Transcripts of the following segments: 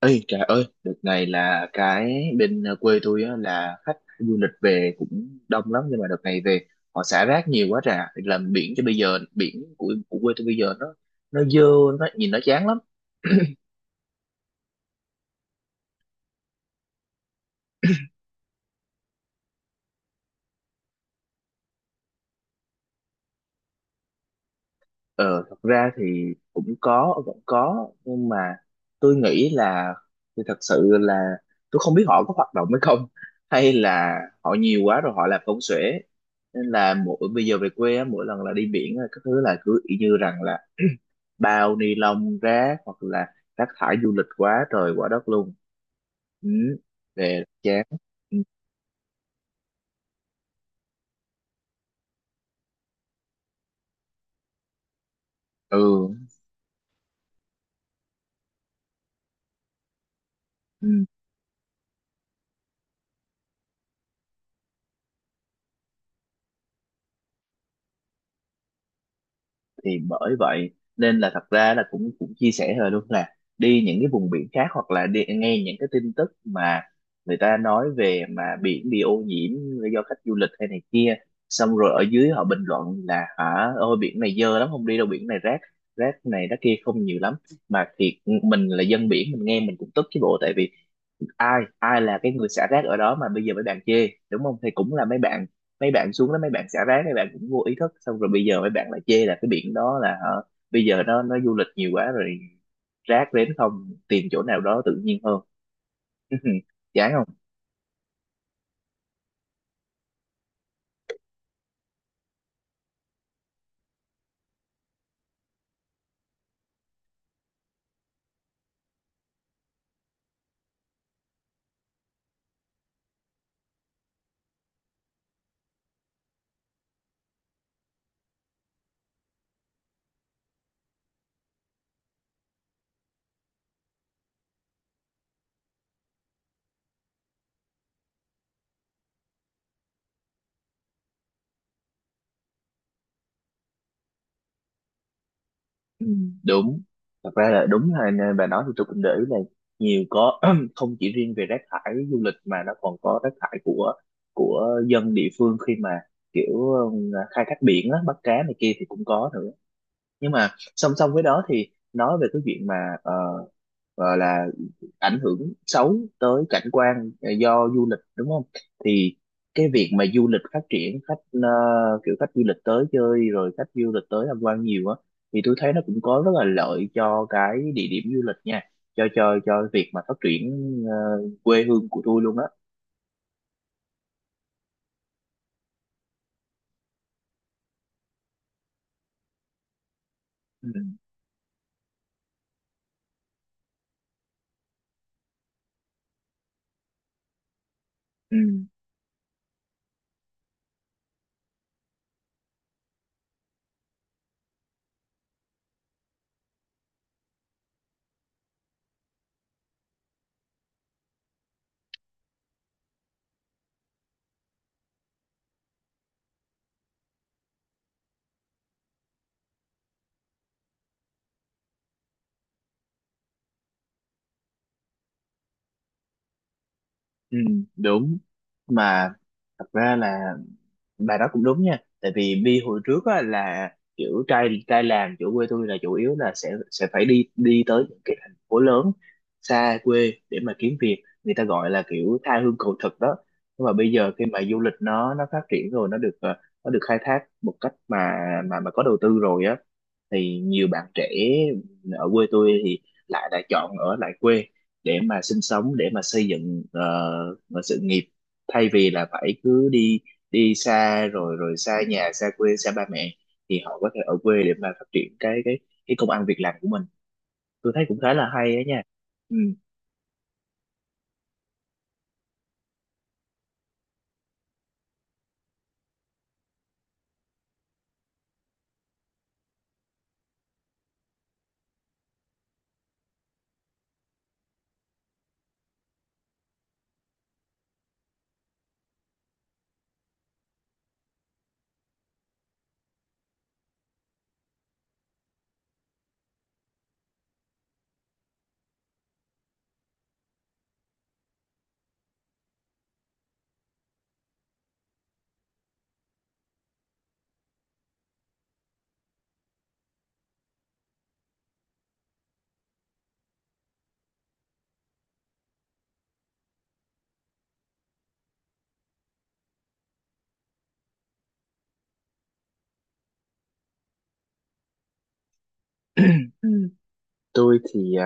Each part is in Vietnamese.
Ê trời ơi, đợt này là cái bên quê tôi á, là khách du lịch về cũng đông lắm, nhưng mà đợt này về họ xả rác nhiều quá trà làm biển cho bây giờ biển của quê tôi bây giờ nó dơ, nó nhìn nó chán lắm. Ờ, thật ra thì cũng có, vẫn có, nhưng mà tôi nghĩ là thì thật sự là tôi không biết họ có hoạt động hay không, hay là họ nhiều quá rồi họ làm công xuể, nên là mỗi bây giờ về quê á, mỗi lần là đi biển á, các thứ là cứ y như rằng là bao ni lông rác hoặc là rác thải du lịch quá trời quá đất luôn. Ừ. Về chán. Ừ. Ừ. Thì bởi vậy nên là thật ra là cũng cũng chia sẻ rồi luôn, là đi những cái vùng biển khác hoặc là đi nghe những cái tin tức mà người ta nói về mà biển bị ô nhiễm do khách du lịch hay này kia, xong rồi ở dưới họ bình luận là hả ôi biển này dơ lắm không đi đâu biển này rác, rác này rác kia không nhiều lắm mà thiệt. Mình là dân biển mình nghe mình cũng tức chứ bộ, tại vì ai ai là cái người xả rác ở đó mà bây giờ mấy bạn chê đúng không, thì cũng là mấy bạn xuống đó, mấy bạn xả rác mấy bạn cũng vô ý thức xong rồi bây giờ mấy bạn lại chê là cái biển đó là hả, bây giờ nó du lịch nhiều quá rồi rác đến không tìm chỗ nào đó tự nhiên hơn. Chán không? Đúng, thật ra là đúng, là nè, bà nói thì tôi cũng để ý là nhiều có không chỉ riêng về rác thải du lịch mà nó còn có rác thải của dân địa phương khi mà kiểu khai thác biển á, bắt cá này kia thì cũng có nữa. Nhưng mà song song với đó thì nói về cái chuyện mà ờ, gọi là ảnh hưởng xấu tới cảnh quan do du lịch, đúng không, thì cái việc mà du lịch phát triển khách kiểu khách du lịch tới chơi rồi khách du lịch tới tham quan nhiều á thì tôi thấy nó cũng có rất là lợi cho cái địa điểm du lịch nha, cho cho việc mà phát triển ờ, quê hương của tôi luôn á. Ừ, ừ, ừ, đúng mà, thật ra là bà đó cũng đúng nha, tại vì Bi hồi trước á, là kiểu trai trai làm chỗ quê tôi là chủ yếu là sẽ phải đi đi tới những cái thành phố lớn xa quê để mà kiếm việc, người ta gọi là kiểu tha hương cầu thực đó. Nhưng mà bây giờ khi mà du lịch nó phát triển rồi nó được nó được khai thác một cách mà mà có đầu tư rồi á, thì nhiều bạn trẻ ở quê tôi thì lại lại chọn ở lại quê để mà sinh sống, để mà xây dựng sự nghiệp, thay vì là phải cứ đi đi xa rồi rồi xa nhà xa quê xa ba mẹ, thì họ có thể ở quê để mà phát triển cái công ăn việc làm của mình. Tôi thấy cũng khá là hay ấy nha. Ừ. Ừ, tôi thì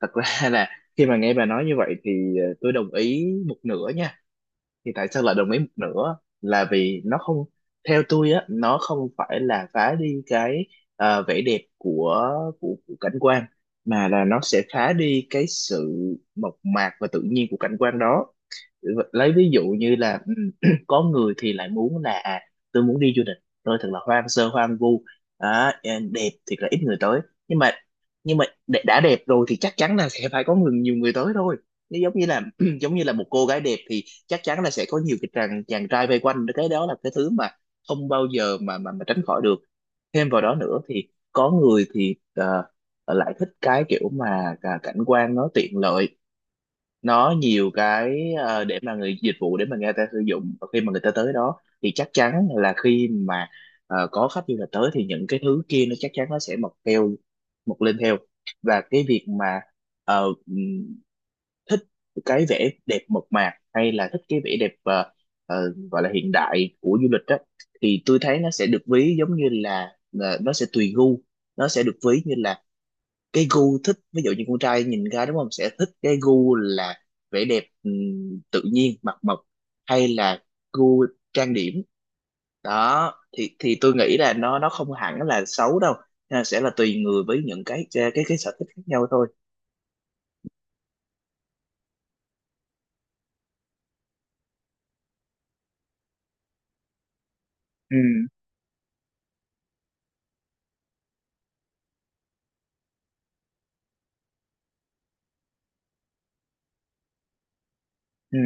thật ra là khi mà nghe bà nói như vậy thì tôi đồng ý một nửa nha. Thì tại sao lại đồng ý một nửa là vì nó không, theo tôi á nó không phải là phá đi cái vẻ đẹp của, của cảnh quan, mà là nó sẽ phá đi cái sự mộc mạc và tự nhiên của cảnh quan đó. Lấy ví dụ như là có người thì lại muốn là tôi muốn đi du lịch, tôi thật là hoang sơ hoang vu. Đó, đẹp thì là ít người tới, nhưng mà đã đẹp rồi thì chắc chắn là sẽ phải có người nhiều người tới thôi. Nó giống như là giống như là một cô gái đẹp thì chắc chắn là sẽ có nhiều cái chàng chàng trai vây quanh, cái đó là cái thứ mà không bao giờ mà mà tránh khỏi được. Thêm vào đó nữa thì có người thì lại thích cái kiểu mà cảnh quan nó tiện lợi, nó nhiều cái để mà người dịch vụ, để mà người ta sử dụng và khi mà người ta tới đó thì chắc chắn là khi mà có khách du lịch tới thì những cái thứ kia nó chắc chắn nó sẽ mọc theo, mọc lên theo. Và cái việc mà ờ, ừm, thích cái vẻ đẹp mộc mạc hay là thích cái vẻ đẹp gọi là hiện đại của du lịch đó, thì tôi thấy nó sẽ được ví giống như là nó sẽ tùy gu, nó sẽ được ví như là cái gu thích, ví dụ như con trai nhìn ra đúng không sẽ thích cái gu là vẻ đẹp tự nhiên mặt mộc, hay là gu trang điểm đó, thì tôi nghĩ là nó không hẳn là xấu đâu. Nó sẽ là tùy người với những cái sở thích khác nhau thôi. Ừ, ừ,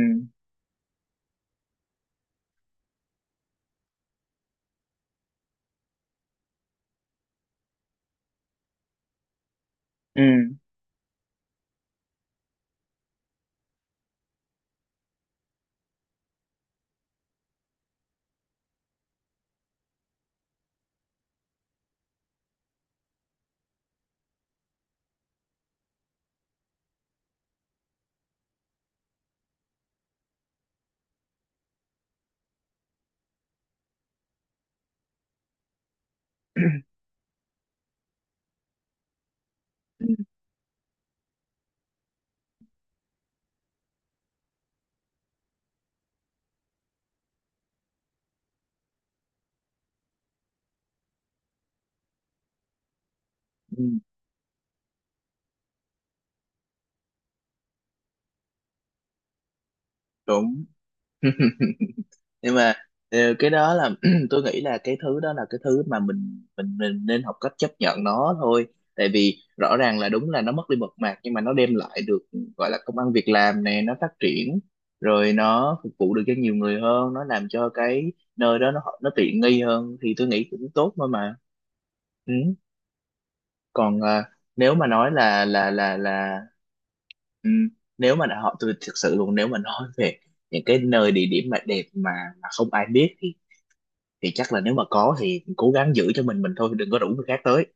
ừ, ừ, đúng. Nhưng mà cái đó là tôi nghĩ là cái thứ đó là cái thứ mà mình nên học cách chấp nhận nó thôi. Tại vì rõ ràng là đúng là nó mất đi mộc mạc nhưng mà nó đem lại được, gọi là công ăn việc làm nè, nó phát triển rồi nó phục vụ được cho nhiều người hơn, nó làm cho cái nơi đó nó tiện nghi hơn thì tôi nghĩ cũng tốt thôi mà. Ừ. Còn nếu mà nói là ừm, nếu mà họ tôi thực sự luôn, nếu mà nói về những cái nơi địa điểm mà đẹp mà không ai biết thì chắc là nếu mà có thì cố gắng giữ cho mình thôi, đừng có rủ người khác tới.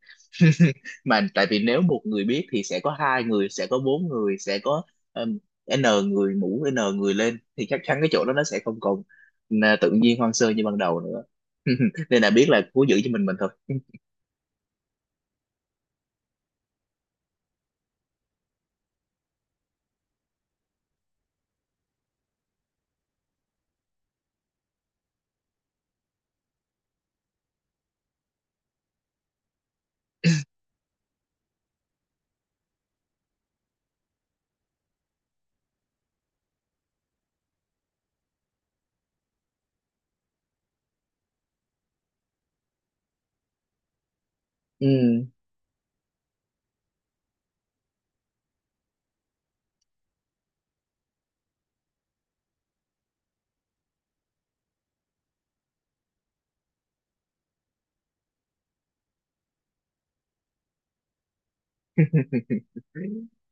Mà tại vì nếu một người biết thì sẽ có hai người, sẽ có bốn người, sẽ có um, n người mũ n người lên thì chắc chắn cái chỗ đó nó sẽ không còn tự nhiên hoang sơ như ban đầu nữa. Nên là biết là cố giữ cho mình thôi. Ừ.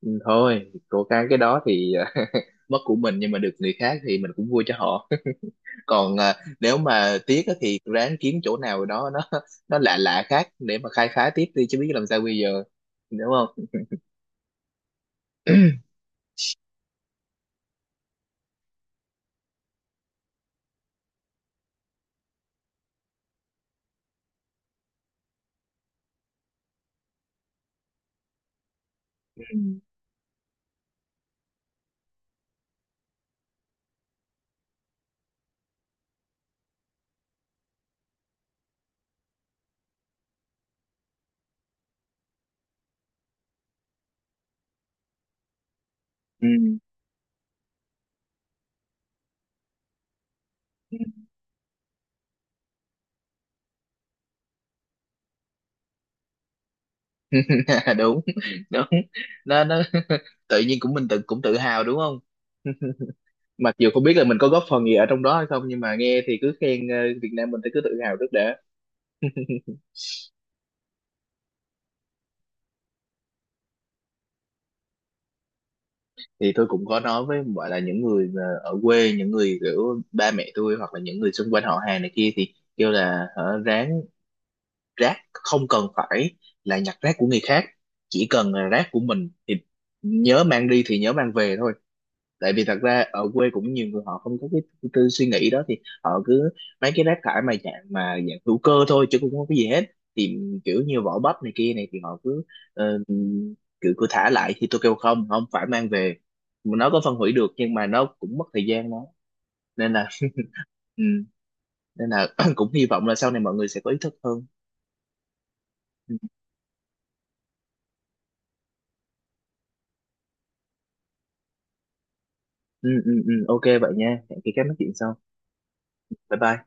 Ừ, thôi cố gắng cái đó thì mất của mình nhưng mà được người khác thì mình cũng vui cho họ. Còn nếu mà tiếc á thì ráng kiếm chỗ nào đó nó lạ lạ khác để mà khai phá tiếp đi, chứ biết làm sao bây giờ, đúng không. Ừ. Đúng. Đúng. Nó tự nhiên cũng mình tự cũng tự hào đúng không. Mặc dù không biết là mình có góp phần gì ở trong đó hay không, nhưng mà nghe thì cứ khen Việt Nam mình thì cứ tự hào trước đã. Thì tôi cũng có nói với, gọi là những người mà ở quê, những người kiểu ba mẹ tôi hoặc là những người xung quanh họ hàng này kia, thì kêu là hở, ráng rác không cần phải là nhặt rác của người khác, chỉ cần là rác của mình thì nhớ mang đi thì nhớ mang về thôi. Tại vì thật ra ở quê cũng nhiều người họ không có cái tư suy nghĩ đó, thì họ cứ mấy cái rác thải mà dạng hữu cơ thôi chứ cũng không có gì hết, thì kiểu như vỏ bắp này kia này thì họ cứ ờ, kiểu cứ thả lại thì tôi kêu không, không phải mang về, nó có phân hủy được nhưng mà nó cũng mất thời gian đó. Nên là ừ, nên là cũng hy vọng là sau này mọi người sẽ có ý thức hơn. Ừ, ừ, ừ, ừ, OK vậy nha, hẹn khi các nói chuyện sau. Bye bye.